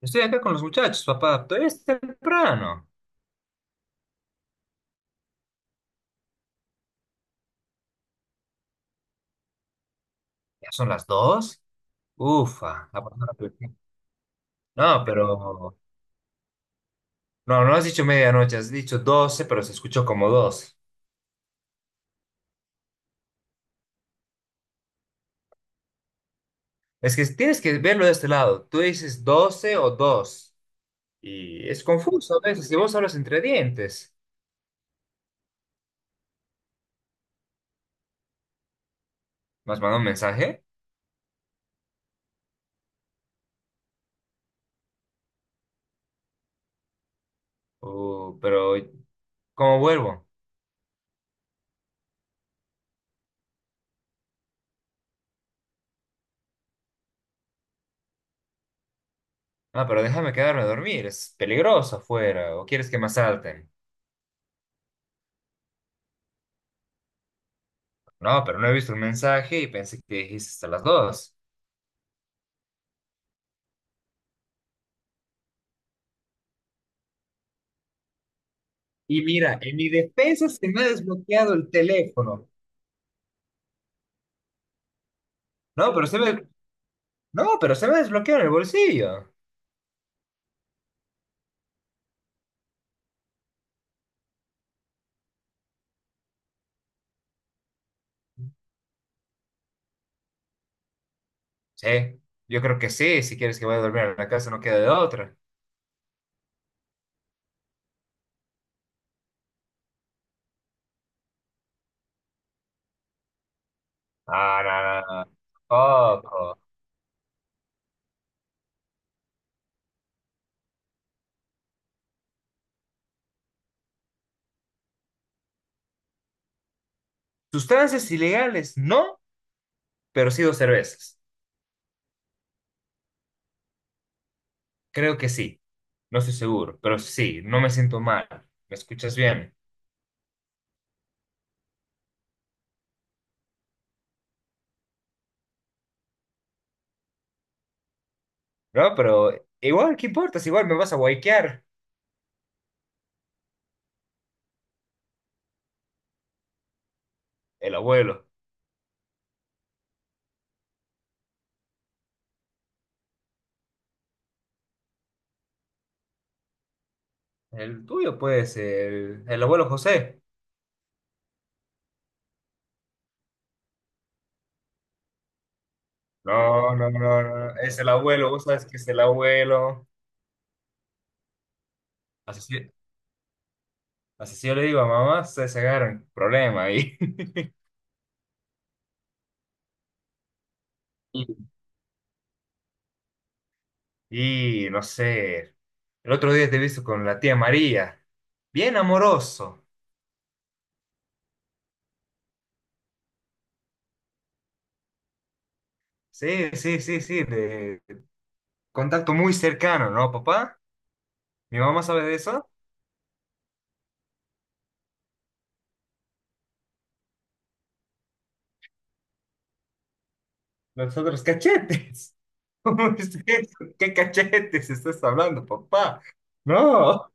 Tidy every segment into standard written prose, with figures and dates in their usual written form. Estoy acá con los muchachos, papá. Todavía es temprano. Ya son las dos. Ufa, la pasada perfecta. No, pero. No, no has dicho medianoche, has dicho doce, pero se escuchó como dos. Es que tienes que verlo de este lado. Tú dices doce o dos. Y es confuso a veces. Si vos hablas entre dientes. ¿Me has mandado un mensaje? Pero. ¿Cómo vuelvo? Ah, pero déjame quedarme a dormir. Es peligroso afuera. ¿O quieres que me asalten? No, pero no he visto el mensaje y pensé que dijiste hasta las dos. Y mira, en mi defensa se me ha desbloqueado el teléfono. No, pero se me, no, pero se me ha desbloqueado en el bolsillo. Sí, yo creo que sí, si quieres que vaya a dormir a la casa no queda de otra. Ah, no, no, no. Ojo. Sustancias ilegales, no, pero sí dos cervezas. Creo que sí. No estoy seguro, pero sí, no me siento mal. ¿Me escuchas bien? No, pero igual, ¿qué importa? Si igual me vas a guayquear. El abuelo. El tuyo, pues, el abuelo José. No, no, no, no, no. Es el abuelo, vos sabes que es el abuelo. Así, sí- así sí yo le digo a mamá, se agarran problema ahí. Y no sé, el otro día te he visto con la tía María, bien amoroso. Sí, sí, sí, sí, de contacto muy cercano, ¿no, papá? ¿Mi mamá sabe de eso? Los otros cachetes. ¿Cómo es eso? ¿Qué cachetes estás hablando, papá? No,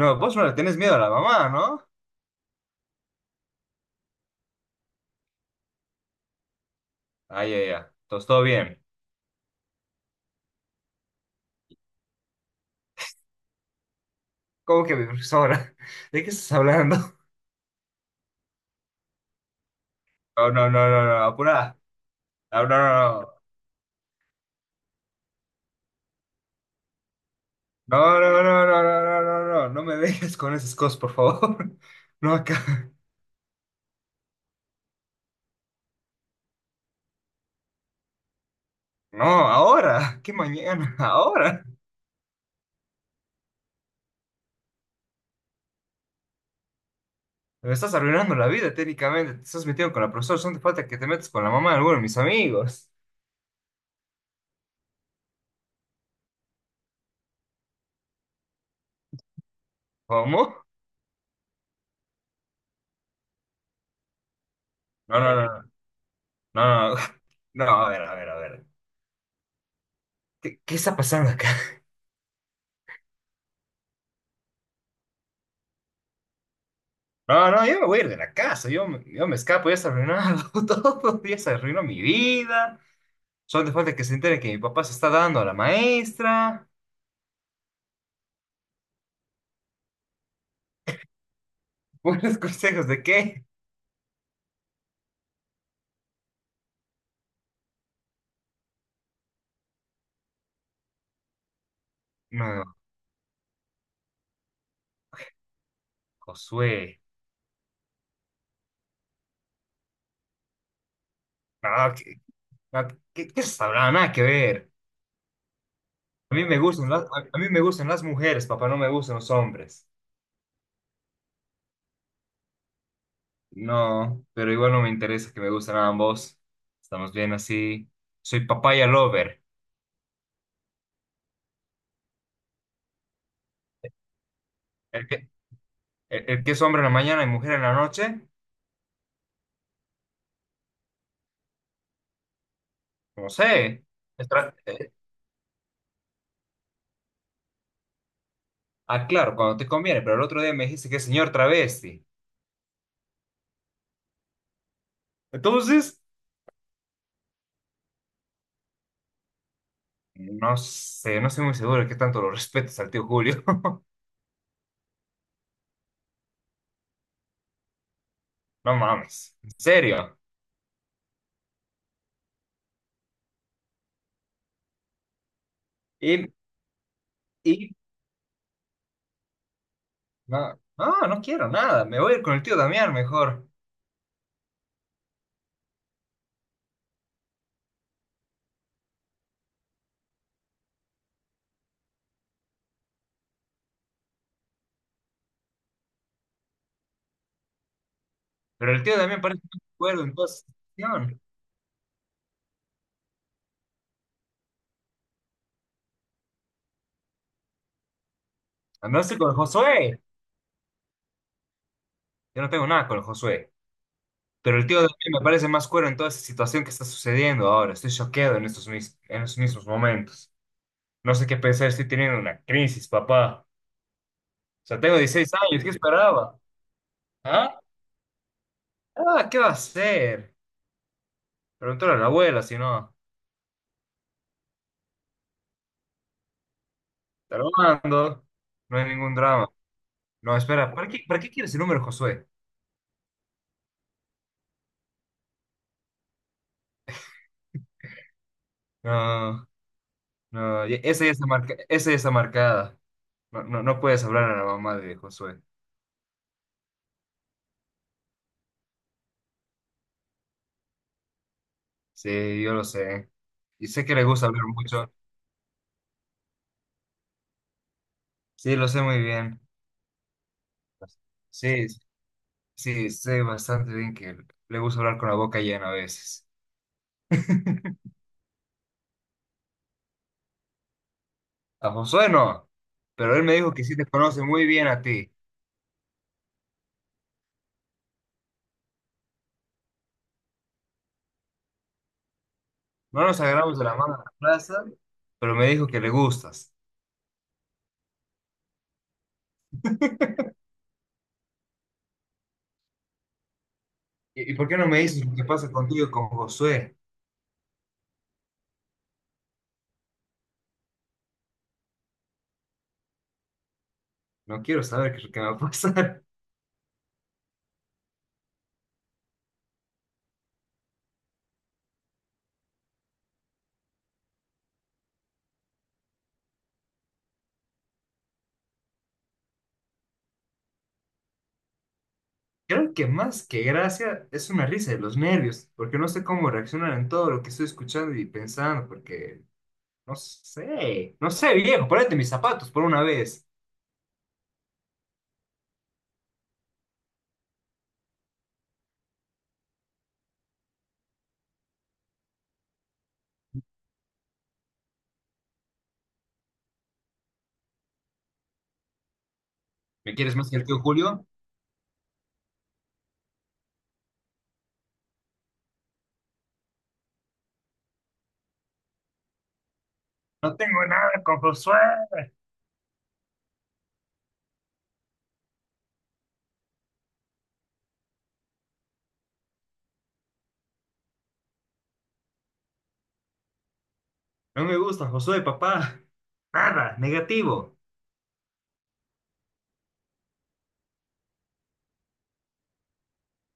no, vos no le tenés miedo a la mamá, ¿no? Ay, ay, ay, entonces todo bien. ¿Cómo que mi profesora? ¿De qué estás hablando? No, no, no, no, no, apura. No, no, no, no, no, no, no, no, no, no, no, no, no me dejes con esas cosas, por favor. No acá. No, ahora. ¿Qué mañana? Ahora. Me estás arruinando la vida técnicamente. Te estás metiendo con la profesora. Solo te falta que te metas con la mamá de alguno de mis amigos. ¿Cómo? No, no, no, no, no. No, no, no, a ver, a ver, a ver. ¿Qué está pasando acá? No, no, yo me voy a ir de la casa. Yo me escapo. Ya se ha arruinado todo. Ya se arruinó mi vida. Solo te falta que se entere que mi papá se está dando a la maestra. ¿Buenos consejos de qué? No, no, Josué. No, no, qué se sabrá? Nada que ver. A mí me gustan las mujeres, papá, no me gustan los hombres. No, pero igual no me interesa que me gusten ambos. Estamos bien así. Soy papaya lover. El que, el que es hombre en la mañana y mujer en la noche, no sé. Es tra- eh, Ah, claro, cuando te conviene, pero el otro día me dijiste que es señor travesti. Entonces. No sé, no estoy muy seguro de qué tanto lo respetas al tío Julio. No mames, en serio. Y, y no, no, no quiero nada. Me voy a ir con el tío Damián mejor. Pero el tío Damián parece que no está de en toda esa situación. A no ser con el Josué. Yo no tengo nada con el Josué. Pero el tío Damián me parece más cuero en toda esa situación que está sucediendo ahora. Estoy choqueado en esos mismos momentos. No sé qué pensar, estoy teniendo una crisis, papá. O sea, tengo 16 años, ¿qué esperaba? ¿Ah? Ah, ¿qué va a ser? Pregúntale a la abuela, si no. Te lo mando. No hay ningún drama. No, espera, ¿para qué quieres el número, Josué? No, no, esa ya está marcada. No, no, no puedes hablar a la mamá de Josué. Sí, yo lo sé. Y sé que le gusta hablar mucho. Sí, lo sé muy bien. Sí, sí, sé bastante bien que le gusta hablar con la boca llena a veces. A Josué no, pero él me dijo que sí te conoce muy bien a ti. No nos agarramos de la mano en la plaza, pero me dijo que le gustas. ¿Y por qué no me dices lo que pasa contigo y con Josué? No quiero saber qué es lo que me va a pasar. Creo que más que gracia es una risa de los nervios, porque no sé cómo reaccionar en todo lo que estoy escuchando y pensando, porque no sé, no sé, viejo, ponete mis zapatos por una vez. ¿Me quieres más que el tío Julio? No tengo nada con Josué. No me gusta Josué, papá. Nada, negativo.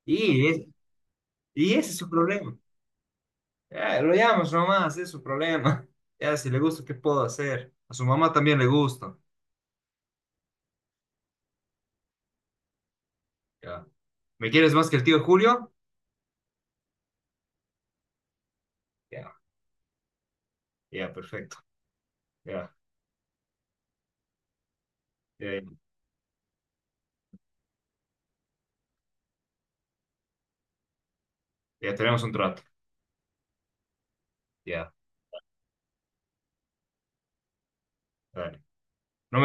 Y, es- y ese es su problema. Lo llamas nomás, es su problema. Ya, si le gusta, ¿qué puedo hacer? A su mamá también le gusta. Ya. ¿Me quieres más que el tío Julio? Ya, ya, perfecto. Ya, ya, ya tenemos un trato. Ya, dale. No me